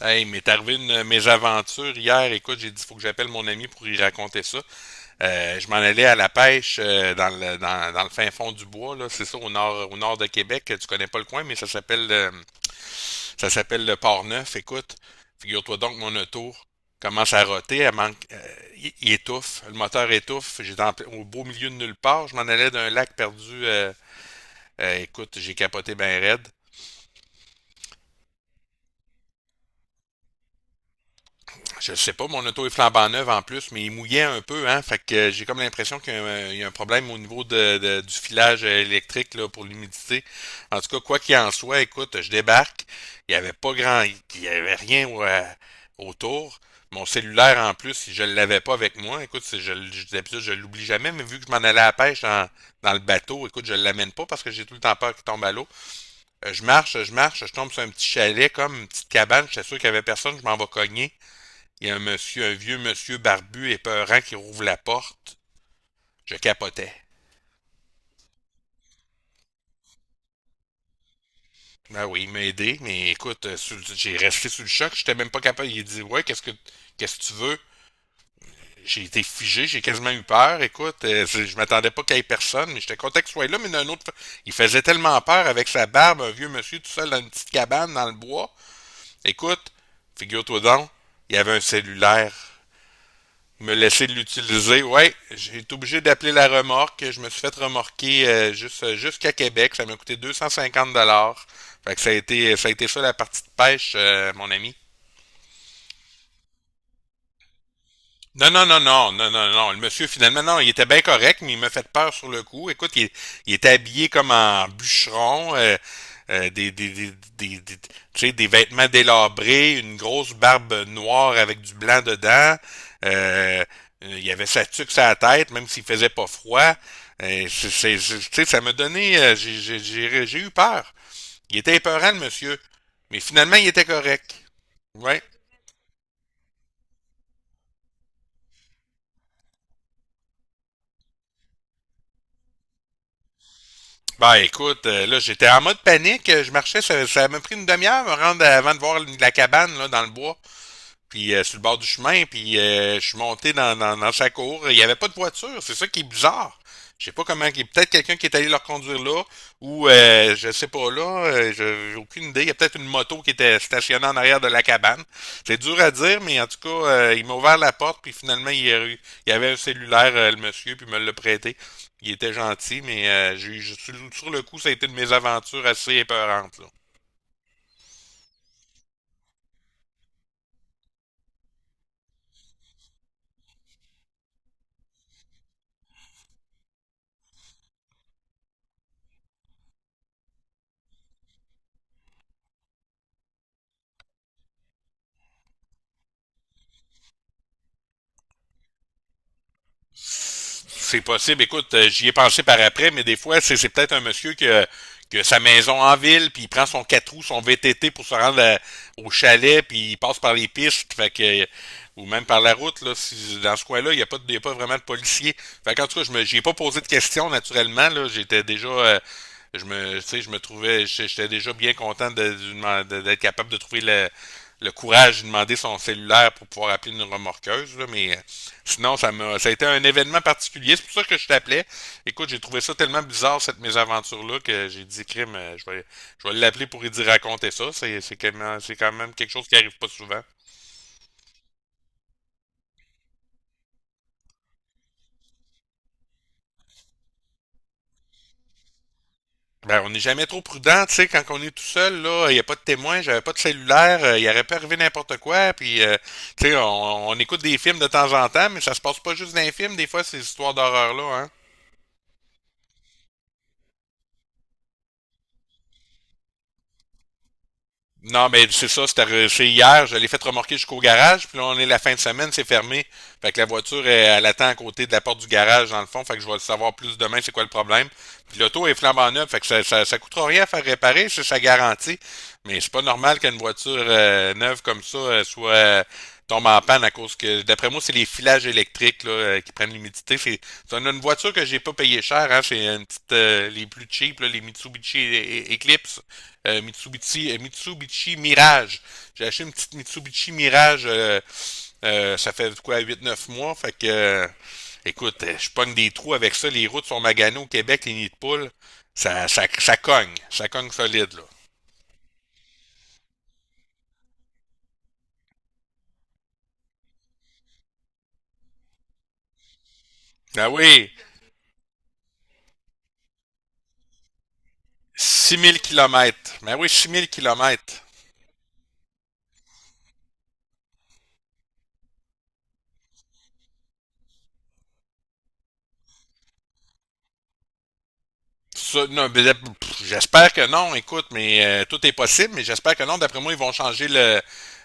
Hey, il m'est arrivé une mésaventure hier. Écoute, j'ai dit, faut que j'appelle mon ami pour y raconter ça. Je m'en allais à la pêche dans le fin fond du bois, là. C'est ça, au nord de Québec. Tu connais pas le coin, mais ça s'appelle le Port-Neuf. Écoute, figure-toi donc que mon auto commence à roter, elle manque, il étouffe, le moteur étouffe. J'étais au beau milieu de nulle part. Je m'en allais d'un lac perdu. Écoute, j'ai capoté ben raide. Je sais pas, mon auto est flambant neuve en plus, mais il mouillait un peu, hein. Fait que j'ai comme l'impression qu'il y a un problème au niveau du filage électrique là, pour l'humidité. En tout cas, quoi qu'il en soit, écoute, je débarque. Il y avait pas grand, il y avait rien autour. Mon cellulaire en plus, je l'avais pas avec moi. Écoute, d'habitude, je l'oublie jamais, mais vu que je m'en allais à la pêche dans le bateau, écoute, je l'amène pas parce que j'ai tout le temps peur qu'il tombe à l'eau. Je marche, je marche, je tombe sur un petit chalet comme une petite cabane. J'étais sûr qu'il y avait personne, je m'en vais cogner. Il y a un monsieur, un vieux monsieur barbu et peurant qui rouvre la porte. Je capotais. Ben oui, il m'a aidé, mais écoute, j'ai resté sous le choc, j'étais même pas capable. Il a dit, Ouais, qu'est-ce que tu veux? J'ai été figé, j'ai quasiment eu peur. Écoute, je m'attendais pas qu'il y ait personne, mais j'étais content qu'il soit là, mais d'un autre. Il faisait tellement peur avec sa barbe, un vieux monsieur tout seul dans une petite cabane dans le bois. Écoute, figure-toi donc, il y avait un cellulaire me laisser l'utiliser. Ouais, j'ai été obligé d'appeler la remorque. Je me suis fait remorquer juste jusqu'à Québec. Ça m'a coûté 250 dollars. Fait que ça a été ça la partie de pêche, mon ami. Non, non, non, non, non, non, non. Le monsieur, finalement, non, il était bien correct, mais il m'a fait peur sur le coup. Écoute, il était habillé comme en bûcheron, euh, des, des, des, tu sais, des vêtements délabrés, une grosse barbe noire avec du blanc dedans. Euh, il avait sa tuque sur la tête, même s'il faisait pas froid. Tu sais, ça m'a donné, j'ai eu peur. Il était épeurant, le monsieur. Mais finalement, il était correct. Ouais. Bah écoute, là j'étais en mode panique, je marchais, ça m'a pris une demi-heure à me rendre avant de voir la cabane là, dans le bois puis sur le bord du chemin, puis je suis monté dans sa cour. Il n'y avait pas de voiture, c'est ça qui est bizarre. Je sais pas comment. Peut-être quelqu'un qui est allé leur conduire là, ou je sais pas là, j'ai aucune idée. Il y a peut-être une moto qui était stationnée en arrière de la cabane. C'est dur à dire, mais en tout cas, il m'a ouvert la porte, puis finalement, il y avait un cellulaire, le monsieur, puis il me l'a prêté. Il était gentil, mais sur le coup, ça a été une mésaventure assez épeurante là. C'est possible. Écoute, j'y ai pensé par après, mais des fois, c'est peut-être un monsieur qui a sa maison en ville, puis il prend son 4 roues, son VTT pour se rendre au chalet, puis il passe par les pistes, fait que, ou même par la route. Là, dans ce coin-là, il y a pas vraiment de policiers. Fait qu'en tout cas, j'y ai pas posé de questions, naturellement là. J'étais déjà. Tu sais, je me trouvais, j'étais déjà bien content d'être capable de trouver le courage de demander son cellulaire pour pouvoir appeler une remorqueuse, là, mais Sinon, ça a été un événement particulier. C'est pour ça que je t'appelais. Écoute, j'ai trouvé ça tellement bizarre, cette mésaventure-là, que j'ai dit, crime, je vais l'appeler pour lui dire raconter ça. C'est quand même quelque chose qui arrive pas souvent. Ben, on n'est jamais trop prudent, tu sais, quand on est tout seul, là, il n'y a pas de témoin, j'avais pas de cellulaire, il aurait pu arriver n'importe quoi, puis, tu sais, on écoute des films de temps en temps, mais ça se passe pas juste dans les films, des fois, ces histoires d'horreur-là, hein. Non, mais c'est ça, c'était arrivé hier, je l'ai fait remorquer jusqu'au garage, puis là, on est la fin de semaine, c'est fermé. Fait que la voiture, elle, elle attend à côté de la porte du garage, dans le fond, fait que je vais le savoir plus demain, c'est quoi le problème. Puis l'auto est flambant neuve, fait que ça coûtera rien à faire réparer, c'est sa garantie. Mais c'est pas normal qu'une voiture neuve comme ça soit tombe en panne à cause que, d'après moi, c'est les filages électriques là, qui prennent l'humidité. C'est une voiture que j'ai pas payé cher, hein, c'est une petite, les plus cheap, là, les Mitsubishi E- E- Eclipse Mitsubishi, Mitsubishi Mirage. J'ai acheté une petite Mitsubishi Mirage, ça fait quoi, 8, 9 mois. Fait que, écoute, je pogne des trous avec ça. Les routes sont maganées au Québec, les nids de poules. Ça cogne. Ça cogne solide, là. Ben oui, 6 000 kilomètres. Ben oui, 6 000 kilomètres. Ça, non, ben, pff, j'espère que non, écoute, mais tout est possible, mais j'espère que non. D'après moi, ils vont changer le,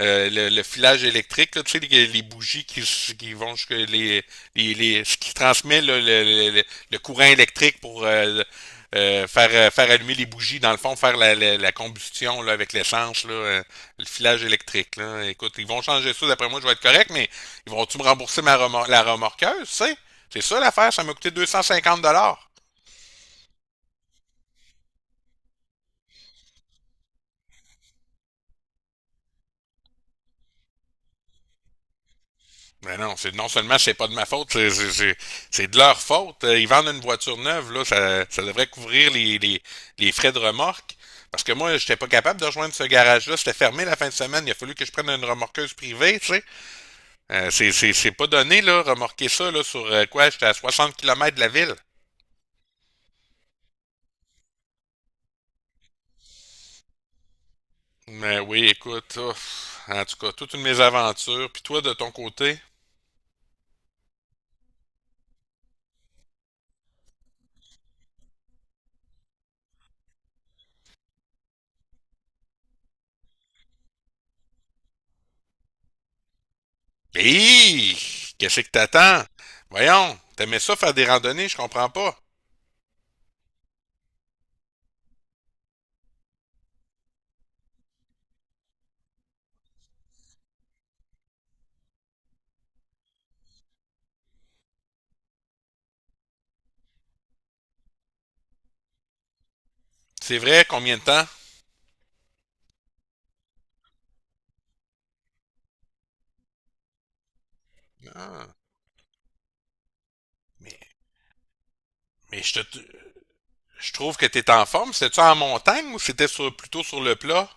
euh, le, le filage électrique, là, tu sais, les bougies qui vont jusque ce qui transmet là, le courant électrique pour faire allumer les bougies, dans le fond, faire la combustion là, avec l'essence, là, le filage électrique. Là. Écoute, ils vont changer ça, d'après moi, je vais être correct, mais ils vont-tu me rembourser la remorqueuse, tu sais? C'est ça l'affaire, ça m'a coûté 250 dollars. Mais non, c'est non seulement c'est pas de ma faute, c'est de leur faute. Ils vendent une voiture neuve, là, ça devrait couvrir les frais de remorque. Parce que moi, j'étais pas capable de rejoindre ce garage-là. C'était fermé la fin de semaine. Il a fallu que je prenne une remorqueuse privée, tu sais. C'est pas donné, là, remorquer ça, là, sur quoi? J'étais à 60 kilomètres de la ville. Mais oui, écoute, ouf. En tout cas, toute une aventures. Puis toi, de ton côté? Hé! Qu'est-ce que t'attends? Voyons, t'aimais ça faire des randonnées, je comprends pas. C'est vrai, combien de temps? Ah, mais, mais je trouve que t'es en forme. C'était-tu en montagne ou c'était plutôt sur le plat?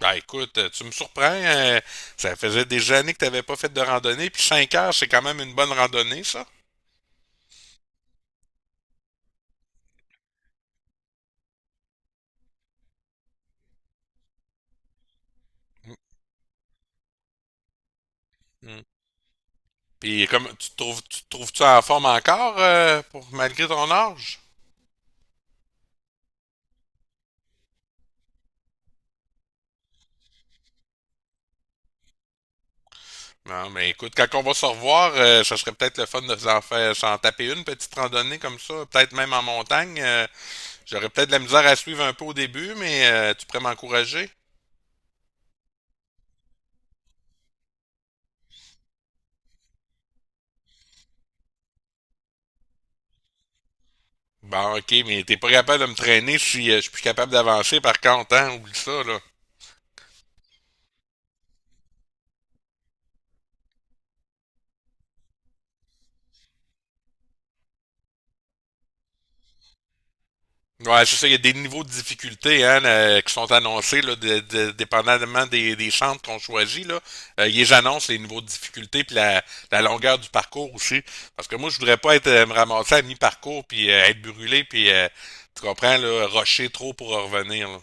Ben écoute, tu me surprends. Ça faisait des années que t'avais pas fait de randonnée. Puis 5 heures, c'est quand même une bonne randonnée, ça. Mm. Mm. Puis comme tu te trouves-tu en forme encore pour malgré ton âge? Non, mais écoute, quand on va se revoir, ça serait peut-être le fun de s'en taper une petite randonnée comme ça, peut-être même en montagne. J'aurais peut-être de la misère à suivre un peu au début, mais tu pourrais m'encourager? Bon, ok, mais t'es pas capable de me traîner si je suis plus capable d'avancer par contre, hein? Oublie ça, là. Ouais, c'est ça, il y a des niveaux de difficulté hein, là, qui sont annoncés, là, dépendamment des centres qu'on choisit. Là. Ils les annoncent les niveaux de difficulté puis la longueur du parcours aussi. Parce que moi, je voudrais pas être me ramasser à mi-parcours puis être brûlé puis tu comprends, là, rocher trop pour en revenir. Là.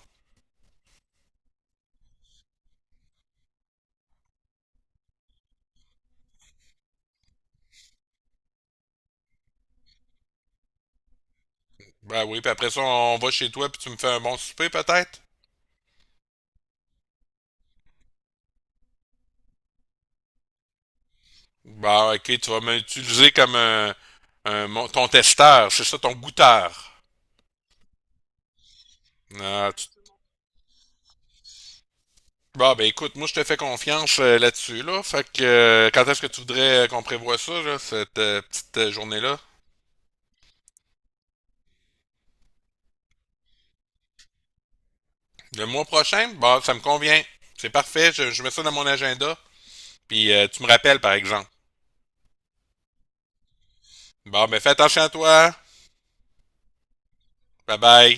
Ben oui, puis après ça, on va chez toi puis tu me fais un bon souper peut-être? Bah, ok, tu vas m'utiliser comme ton testeur, c'est ça, ton goûteur. Ah, Bah, ben écoute, moi je te fais confiance là-dessus, là. Fait que quand est-ce que tu voudrais qu'on prévoie ça, là, cette petite journée-là? Le mois prochain? Bah, ça me convient. C'est parfait, je mets ça dans mon agenda. Puis tu me rappelles, par exemple. Bon, ben fais attention à toi. Bye bye.